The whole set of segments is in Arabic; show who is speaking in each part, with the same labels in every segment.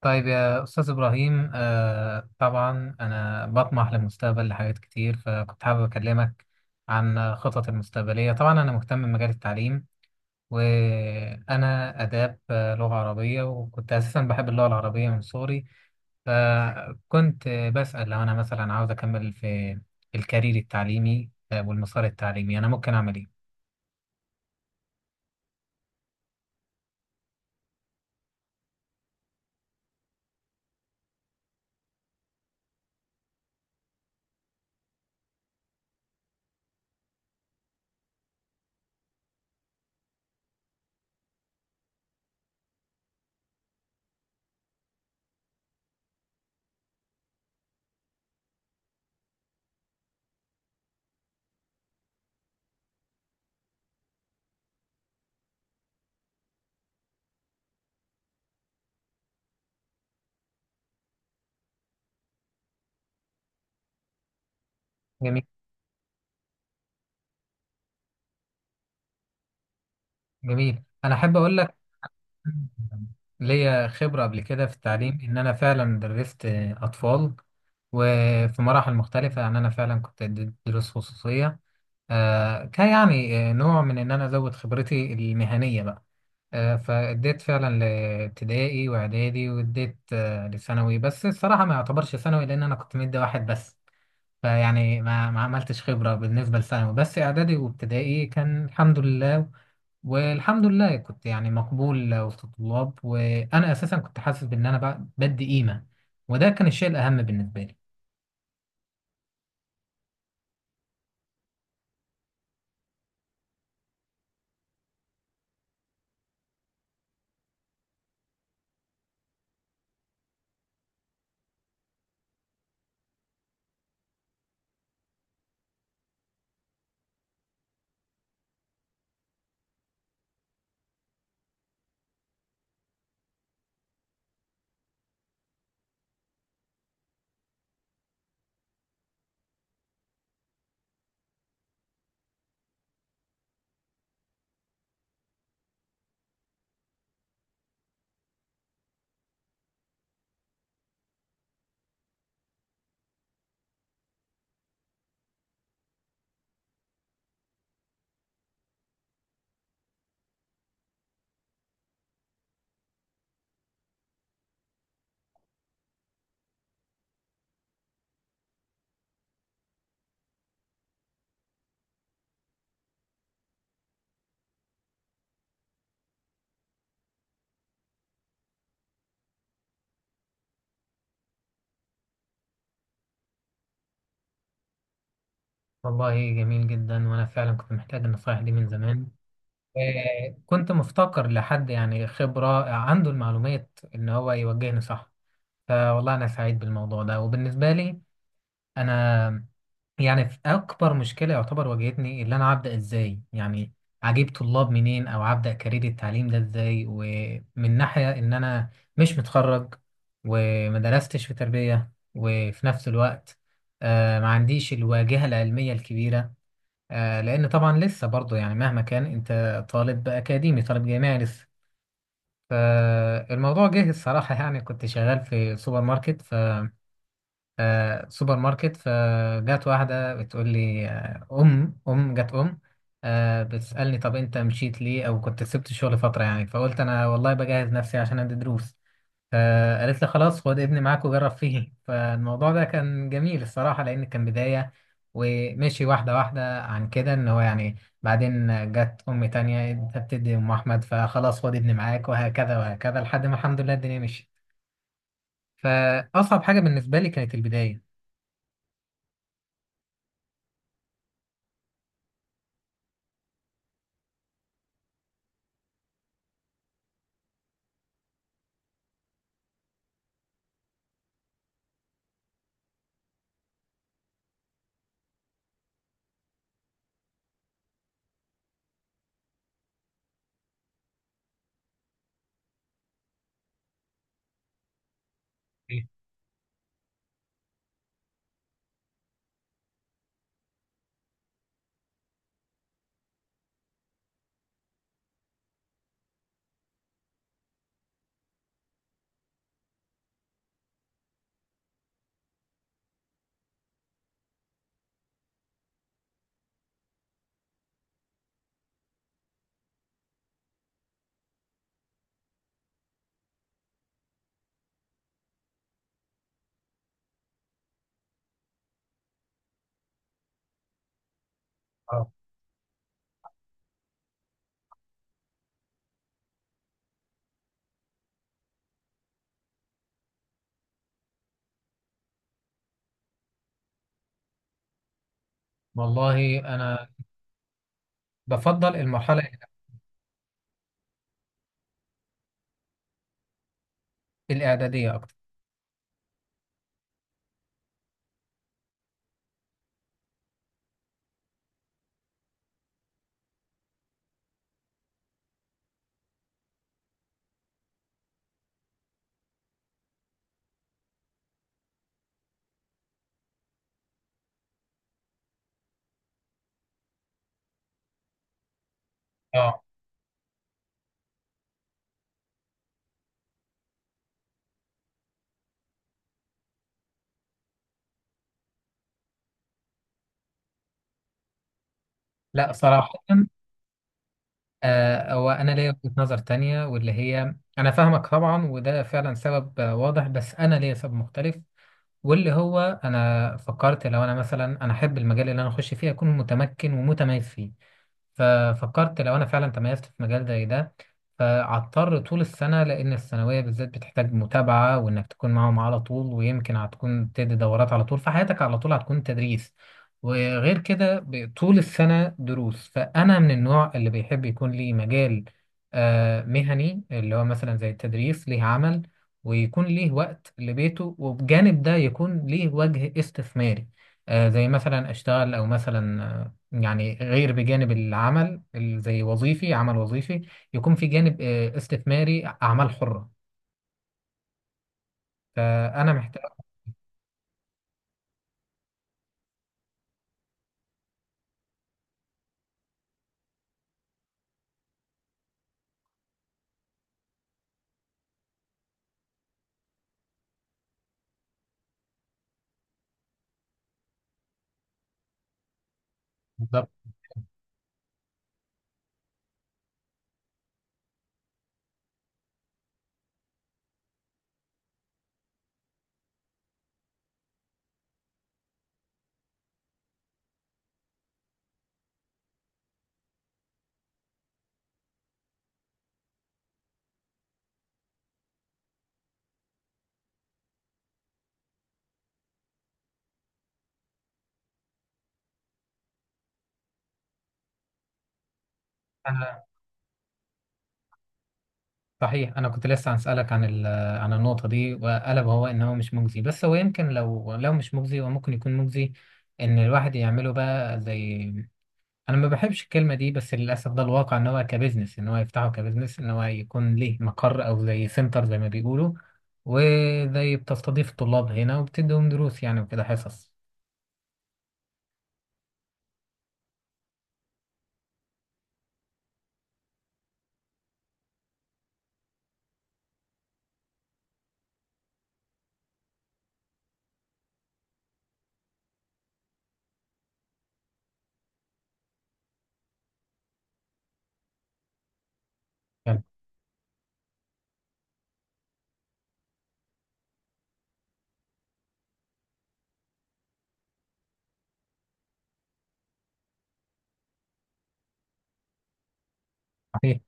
Speaker 1: طيب يا أستاذ إبراهيم طبعا أنا بطمح للمستقبل لحاجات كتير، فكنت حابب أكلمك عن خطط المستقبلية. طبعا أنا مهتم بمجال التعليم، وأنا آداب، لغة عربية، وكنت أساسا بحب اللغة العربية من صغري. فكنت بسأل لو أنا مثلا عاوز أكمل في الكارير التعليمي والمسار التعليمي، أنا ممكن أعمل إيه؟ جميل. جميل، أنا أحب أقول لك ليا خبرة قبل كده في التعليم، إن أنا فعلا درست أطفال وفي مراحل مختلفة. يعني أنا فعلا كنت أدي دروس خصوصية، كان يعني نوع من إن أنا أزود خبرتي المهنية بقى. فأديت فعلا لابتدائي وإعدادي، وأديت لثانوي، بس الصراحة ما يعتبرش ثانوي لأن أنا كنت مدي واحد بس. فيعني ما عملتش خبرة بالنسبة لثانوي، بس إعدادي وابتدائي كان الحمد لله. والحمد لله كنت يعني مقبول وسط الطلاب، وانا اساسا كنت حاسس بان انا بدي قيمه، وده كان الشيء الاهم بالنسبه لي. والله جميل جدا، وانا فعلا كنت محتاج النصائح دي من زمان. كنت مفتقر لحد يعني خبره عنده المعلومات ان هو يوجهني صح. فوالله انا سعيد بالموضوع ده. وبالنسبه لي انا، يعني في اكبر مشكله يعتبر واجهتني، اللي انا هبدا ازاي يعني اجيب طلاب منين، او هبدا كارير التعليم ده ازاي، ومن ناحيه ان انا مش متخرج وما درستش في تربيه. وفي نفس الوقت ما عنديش الواجهه العلميه الكبيره، لان طبعا لسه برضه يعني مهما كان انت طالب اكاديمي طالب جامعي لسه. فالموضوع جه الصراحه، يعني كنت شغال في سوبر ماركت فجت واحدة بتقول لي، أم أم جت أم، بتسألني طب أنت مشيت ليه أو كنت سبت الشغل فترة. يعني فقلت أنا والله بجهز نفسي عشان أدي دروس، فقالت لي خلاص خد ابني معاك وجرب فيه. فالموضوع ده كان جميل الصراحة لأن كان بداية، ومشي واحدة واحدة عن كده إن هو يعني، بعدين جت أم تانية أنت بتدي أم أحمد فخلاص خد ابني معاك، وهكذا وهكذا لحد ما الحمد لله الدنيا مشيت. فأصعب حاجة بالنسبة لي كانت البداية. والله انا بفضل المرحله الاعداديه اكتر. اه. لا صراحه. هو انا ليا وجهه نظر تانية، واللي هي انا فاهمك طبعا، وده فعلا سبب واضح، بس انا ليا سبب مختلف. واللي هو انا فكرت لو انا مثلا انا احب المجال اللي انا اخش فيه اكون متمكن ومتميز فيه. ففكرت لو انا فعلا تميزت في مجال زي ده، فهضطر طول السنه لان الثانويه بالذات بتحتاج متابعه وانك تكون معاهم على طول، ويمكن هتكون تدي دورات على طول، فحياتك على طول هتكون تدريس. وغير كده طول السنه دروس. فانا من النوع اللي بيحب يكون لي مجال مهني، اللي هو مثلا زي التدريس ليه عمل ويكون ليه وقت لبيته، وبجانب ده يكون ليه وجه استثماري، زي مثلا اشتغل او مثلا يعني، غير بجانب العمل زي وظيفي عمل وظيفي، يكون في جانب استثماري أعمال حرة. فأنا محتاج. بالظبط. أنا، صحيح أنا كنت لسه هسألك عن عن النقطة دي، وقلب هو إن هو مش مجزي، بس هو يمكن لو مش مجزي هو ممكن يكون مجزي إن الواحد يعمله بقى زي، انا ما بحبش الكلمه دي بس للاسف ده الواقع، ان هو كبزنس، ان هو يفتحه كبزنس، ان هو يكون ليه مقر او زي سنتر زي ما بيقولوا، وزي بتستضيف الطلاب هنا وبتديهم دروس يعني وكده حصص. يعني صحيح.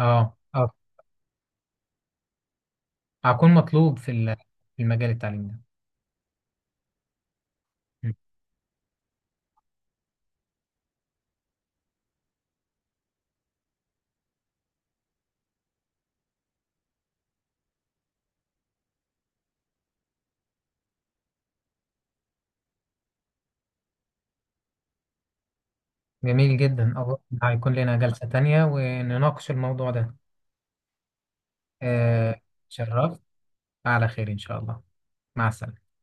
Speaker 1: اه، اه. هكون مطلوب في في المجال التعليمي ده. م. جميل جدا. أظن هيكون لنا جلسة تانية ونناقش الموضوع ده. آه شرفت. على خير إن شاء الله. مع السلامة.